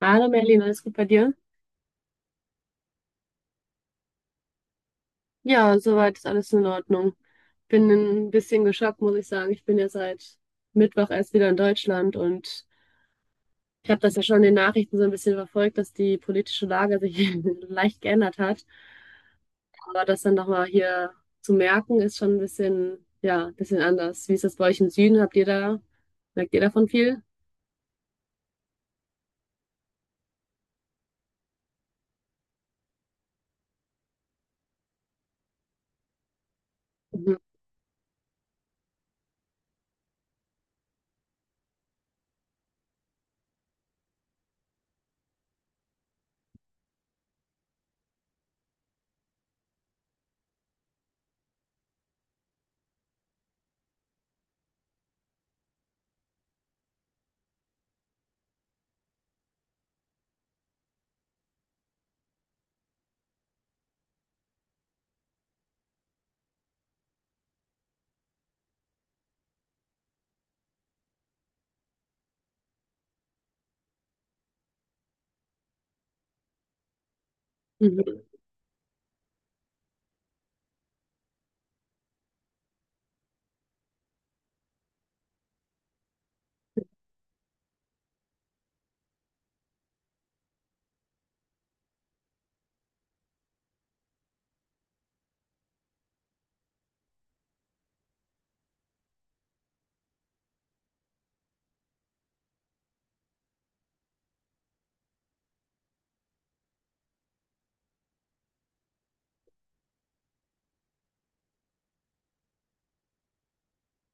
Hallo Merlin, alles gut bei dir? Ja, soweit ist alles in Ordnung. Bin ein bisschen geschockt, muss ich sagen. Ich bin ja seit Mittwoch erst wieder in Deutschland und ich habe das ja schon in den Nachrichten so ein bisschen verfolgt, dass die politische Lage sich leicht geändert hat. Aber das dann nochmal hier zu merken, ist schon ein bisschen, ja, ein bisschen anders. Wie ist das bei euch im Süden? Habt ihr da, merkt ihr davon viel? Mhm. Mhm.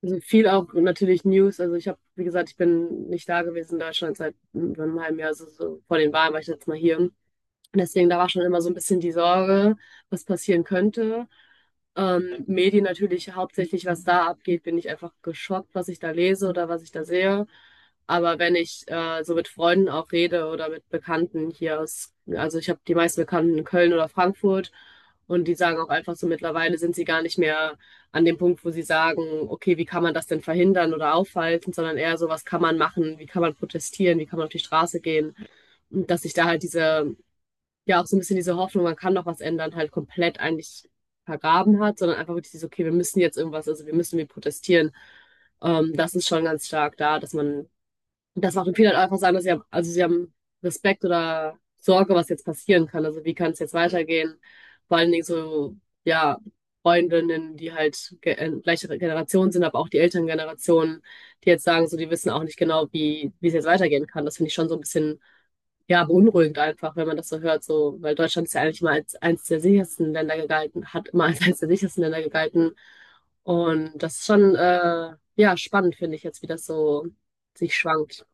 Also viel auch natürlich News. Also ich habe, wie gesagt, ich bin nicht da gewesen in Deutschland seit über einem halben Jahr, also so vor den Wahlen war ich jetzt mal hier. Und deswegen, da war schon immer so ein bisschen die Sorge, was passieren könnte. Medien natürlich hauptsächlich, was da abgeht, bin ich einfach geschockt, was ich da lese oder was ich da sehe. Aber wenn ich so mit Freunden auch rede oder mit Bekannten hier aus, also ich habe die meisten Bekannten in Köln oder Frankfurt und die sagen auch einfach so, mittlerweile sind sie gar nicht mehr an dem Punkt, wo sie sagen, okay, wie kann man das denn verhindern oder aufhalten, sondern eher so, was kann man machen, wie kann man protestieren, wie kann man auf die Straße gehen. Und dass sich da halt diese ja auch so ein bisschen diese Hoffnung, man kann noch was ändern, halt komplett eigentlich vergraben hat, sondern einfach wirklich dieses, okay, wir müssen jetzt irgendwas, also wir müssen wir protestieren. Das ist schon ganz stark da, dass man, das macht viele halt einfach sagen, dass sie haben, also sie haben Respekt oder Sorge, was jetzt passieren kann. Also wie kann es jetzt weitergehen? Vor allen Dingen so, ja, Freundinnen, die halt ge gleiche Generation sind, aber auch die älteren Generationen, die jetzt sagen, so, die wissen auch nicht genau, wie es jetzt weitergehen kann. Das finde ich schon so ein bisschen ja, beunruhigend einfach, wenn man das so hört, so, weil Deutschland ist ja eigentlich immer als eines der sichersten Länder gegalten, hat immer als eines der sichersten Länder gegalten. Und das ist schon, ja, spannend, finde ich jetzt, wie das so sich schwankt.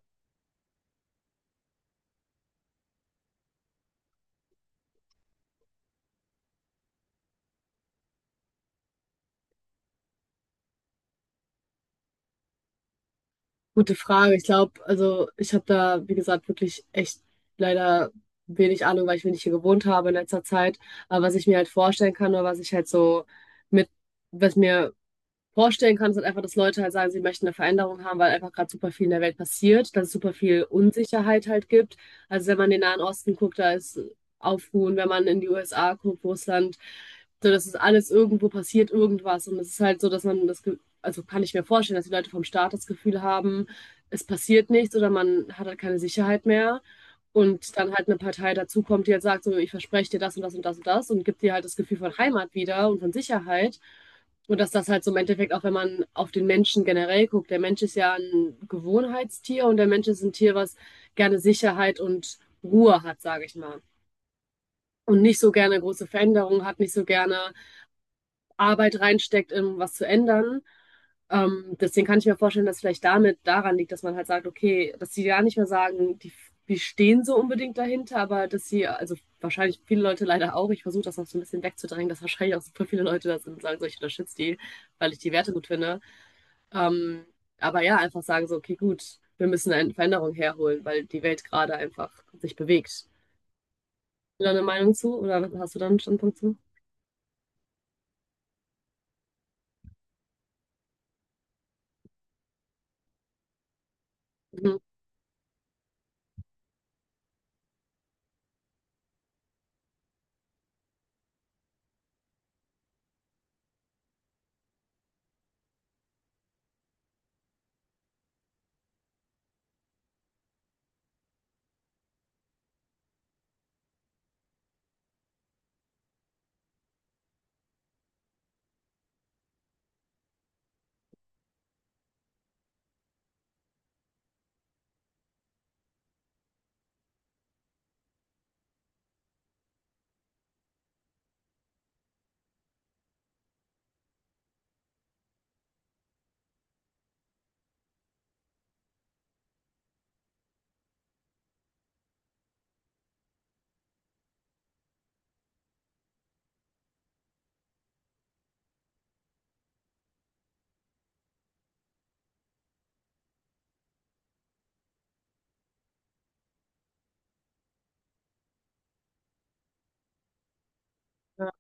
Gute Frage. Ich glaube, also ich habe da, wie gesagt, wirklich echt leider wenig Ahnung, weil ich wenig hier gewohnt habe in letzter Zeit. Aber was ich mir halt vorstellen kann oder was ich halt so mit, was mir vorstellen kann, ist halt einfach, dass Leute halt sagen, sie möchten eine Veränderung haben, weil einfach gerade super viel in der Welt passiert, dass es super viel Unsicherheit halt gibt. Also wenn man in den Nahen Osten guckt, da ist Aufruhen, wenn man in die USA guckt, Russland, so das ist alles irgendwo passiert irgendwas und es ist halt so, dass man das, also kann ich mir vorstellen, dass die Leute vom Staat das Gefühl haben, es passiert nichts oder man hat halt keine Sicherheit mehr. Und dann halt eine Partei dazukommt, die halt sagt, so, ich verspreche dir das und das und das und das und gibt dir halt das Gefühl von Heimat wieder und von Sicherheit. Und dass das halt so im Endeffekt auch, wenn man auf den Menschen generell guckt, der Mensch ist ja ein Gewohnheitstier und der Mensch ist ein Tier, was gerne Sicherheit und Ruhe hat, sage ich mal. Und nicht so gerne große Veränderungen hat, nicht so gerne Arbeit reinsteckt, um was zu ändern. Deswegen kann ich mir vorstellen, dass vielleicht damit daran liegt, dass man halt sagt, okay, dass sie gar nicht mehr sagen, die stehen so unbedingt dahinter, aber dass sie, also wahrscheinlich viele Leute leider auch, ich versuche das noch so ein bisschen wegzudrängen, dass wahrscheinlich auch super viele Leute da sind und sagen, so ich unterstütze die, weil ich die Werte gut finde. Ähm, aber ja, einfach sagen so, okay, gut, wir müssen eine Veränderung herholen, weil die Welt gerade einfach sich bewegt. Hast du da eine Meinung zu oder hast du da einen Standpunkt zu? Mhm. Ja,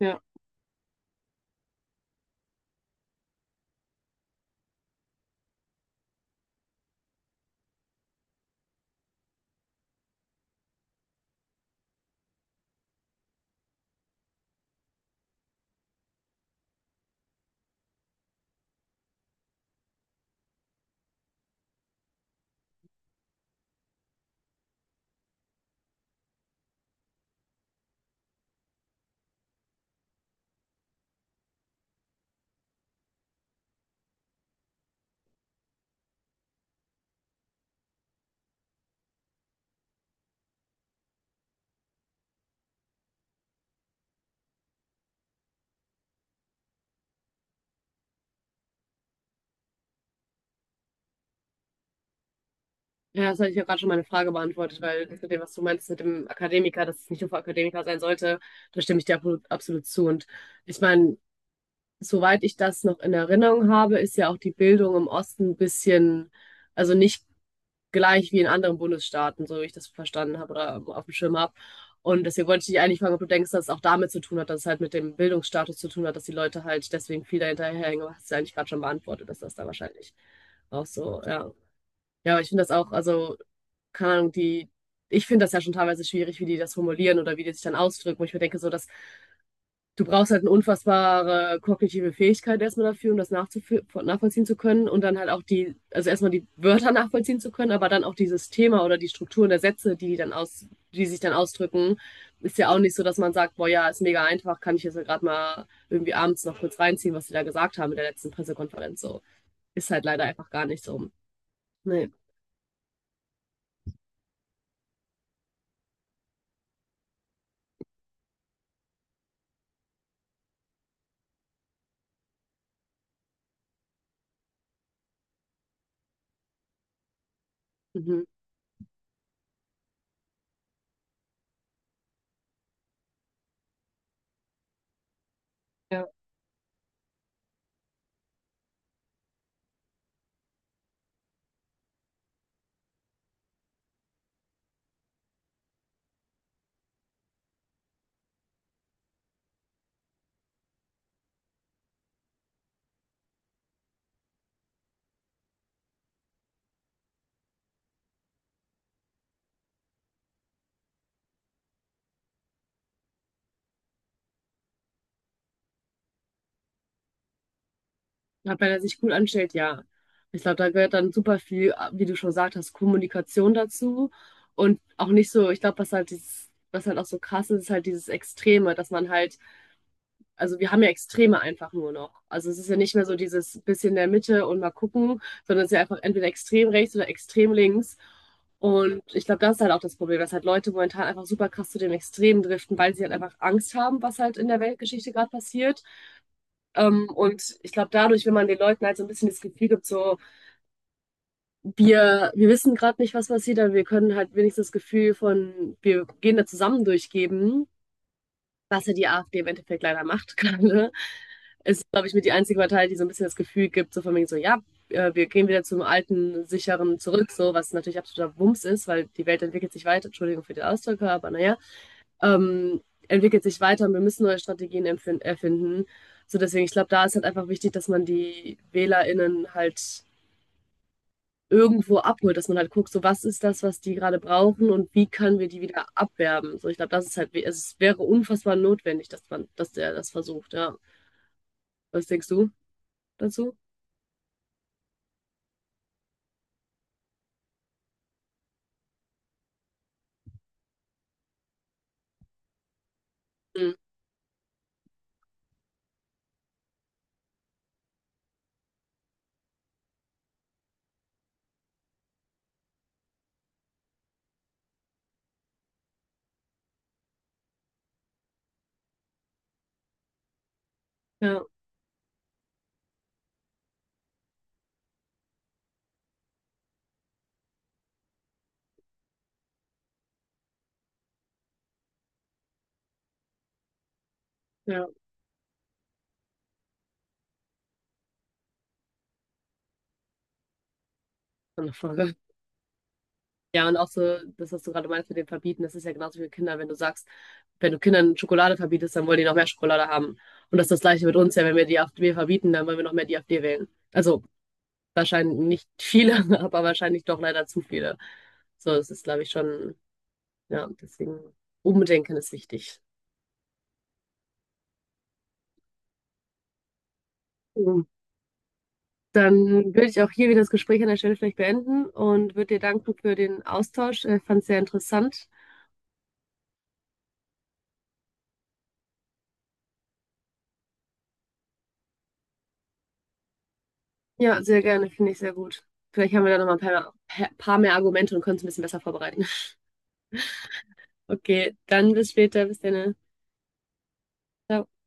ja. Ja, das hatte ich ja gerade schon meine Frage beantwortet, weil mit dem, was du meinst mit dem Akademiker, dass es nicht nur für Akademiker sein sollte, da stimme ich dir absolut, absolut zu. Und ich meine, soweit ich das noch in Erinnerung habe, ist ja auch die Bildung im Osten ein bisschen, also nicht gleich wie in anderen Bundesstaaten, so wie ich das verstanden habe oder auf dem Schirm habe. Und deswegen wollte ich dich eigentlich fragen, ob du denkst, dass es auch damit zu tun hat, dass es halt mit dem Bildungsstatus zu tun hat, dass die Leute halt deswegen viel dahinterherhängen. Aber hast du ja eigentlich gerade schon beantwortet, dass das da wahrscheinlich auch so, ja. Ja, aber ich finde das auch, also, keine Ahnung, die, ich finde das ja schon teilweise schwierig, wie die das formulieren oder wie die sich dann ausdrücken. Wo ich mir denke, so, das du brauchst halt eine unfassbare kognitive Fähigkeit erstmal dafür, um das nachvollziehen zu können und dann halt auch die, also erstmal die Wörter nachvollziehen zu können, aber dann auch dieses Thema oder die Strukturen der Sätze, die sich dann ausdrücken, ist ja auch nicht so, dass man sagt, boah, ja, ist mega einfach, kann ich jetzt gerade mal irgendwie abends noch kurz reinziehen, was sie da gesagt haben in der letzten Pressekonferenz, so. Ist halt leider einfach gar nicht so. Nee. Mhm. Ja. Ja, wenn er sich gut anstellt, ja. Ich glaube, da gehört dann super viel, wie du schon gesagt hast, Kommunikation dazu. Und auch nicht so, ich glaube, was halt dieses, was halt auch so krass ist, ist halt dieses Extreme, dass man halt, also wir haben ja Extreme einfach nur noch. Also es ist ja nicht mehr so dieses bisschen in der Mitte und mal gucken, sondern es ist ja einfach entweder extrem rechts oder extrem links. Und ich glaube, das ist halt auch das Problem, dass halt Leute momentan einfach super krass zu dem Extrem driften, weil sie halt einfach Angst haben, was halt in der Weltgeschichte gerade passiert und ich glaube, dadurch, wenn man den Leuten halt so ein bisschen das Gefühl gibt, so, wir wissen gerade nicht, was passiert, aber wir können halt wenigstens das Gefühl von, wir gehen da zusammen durchgeben, was ja die AfD im Endeffekt leider macht gerade, ist, glaube ich, mit die einzige Partei, die so ein bisschen das Gefühl gibt, so von wegen so, ja, wir gehen wieder zum alten, sicheren zurück, so, was natürlich absoluter Wumms ist, weil die Welt entwickelt sich weiter, Entschuldigung für den Ausdruck, aber naja. ähm, entwickelt sich weiter und wir müssen neue Strategien erfinden. So deswegen, ich glaube, da ist halt einfach wichtig, dass man die WählerInnen halt irgendwo abholt, dass man halt guckt, so was ist das, was die gerade brauchen und wie können wir die wieder abwerben. So, ich glaube, das ist halt, also es wäre unfassbar notwendig, dass man, dass der das versucht, ja. Was denkst du dazu? Mhm. Ja, ja. Eine Frage. Ja, und auch so, das, was du gerade meinst mit dem Verbieten, das ist ja genauso wie Kinder wenn du sagst, wenn du Kindern Schokolade verbietest, dann wollen die noch mehr Schokolade haben. Und das ist das Gleiche mit uns ja, wenn wir die AfD verbieten, dann wollen wir noch mehr die AfD wählen. Also wahrscheinlich nicht viele, aber wahrscheinlich doch leider zu viele. So, es ist, glaube ich, schon, ja, deswegen Umdenken ist wichtig. So, dann würde ich auch hier wieder das Gespräch an der Stelle vielleicht beenden und würde dir danken für den Austausch. Ich fand es sehr interessant. Ja, sehr gerne, finde ich sehr gut. Vielleicht haben wir da noch mal ein paar mehr Argumente und können es ein bisschen besser vorbereiten. Okay, dann bis später, bis dann. Ciao.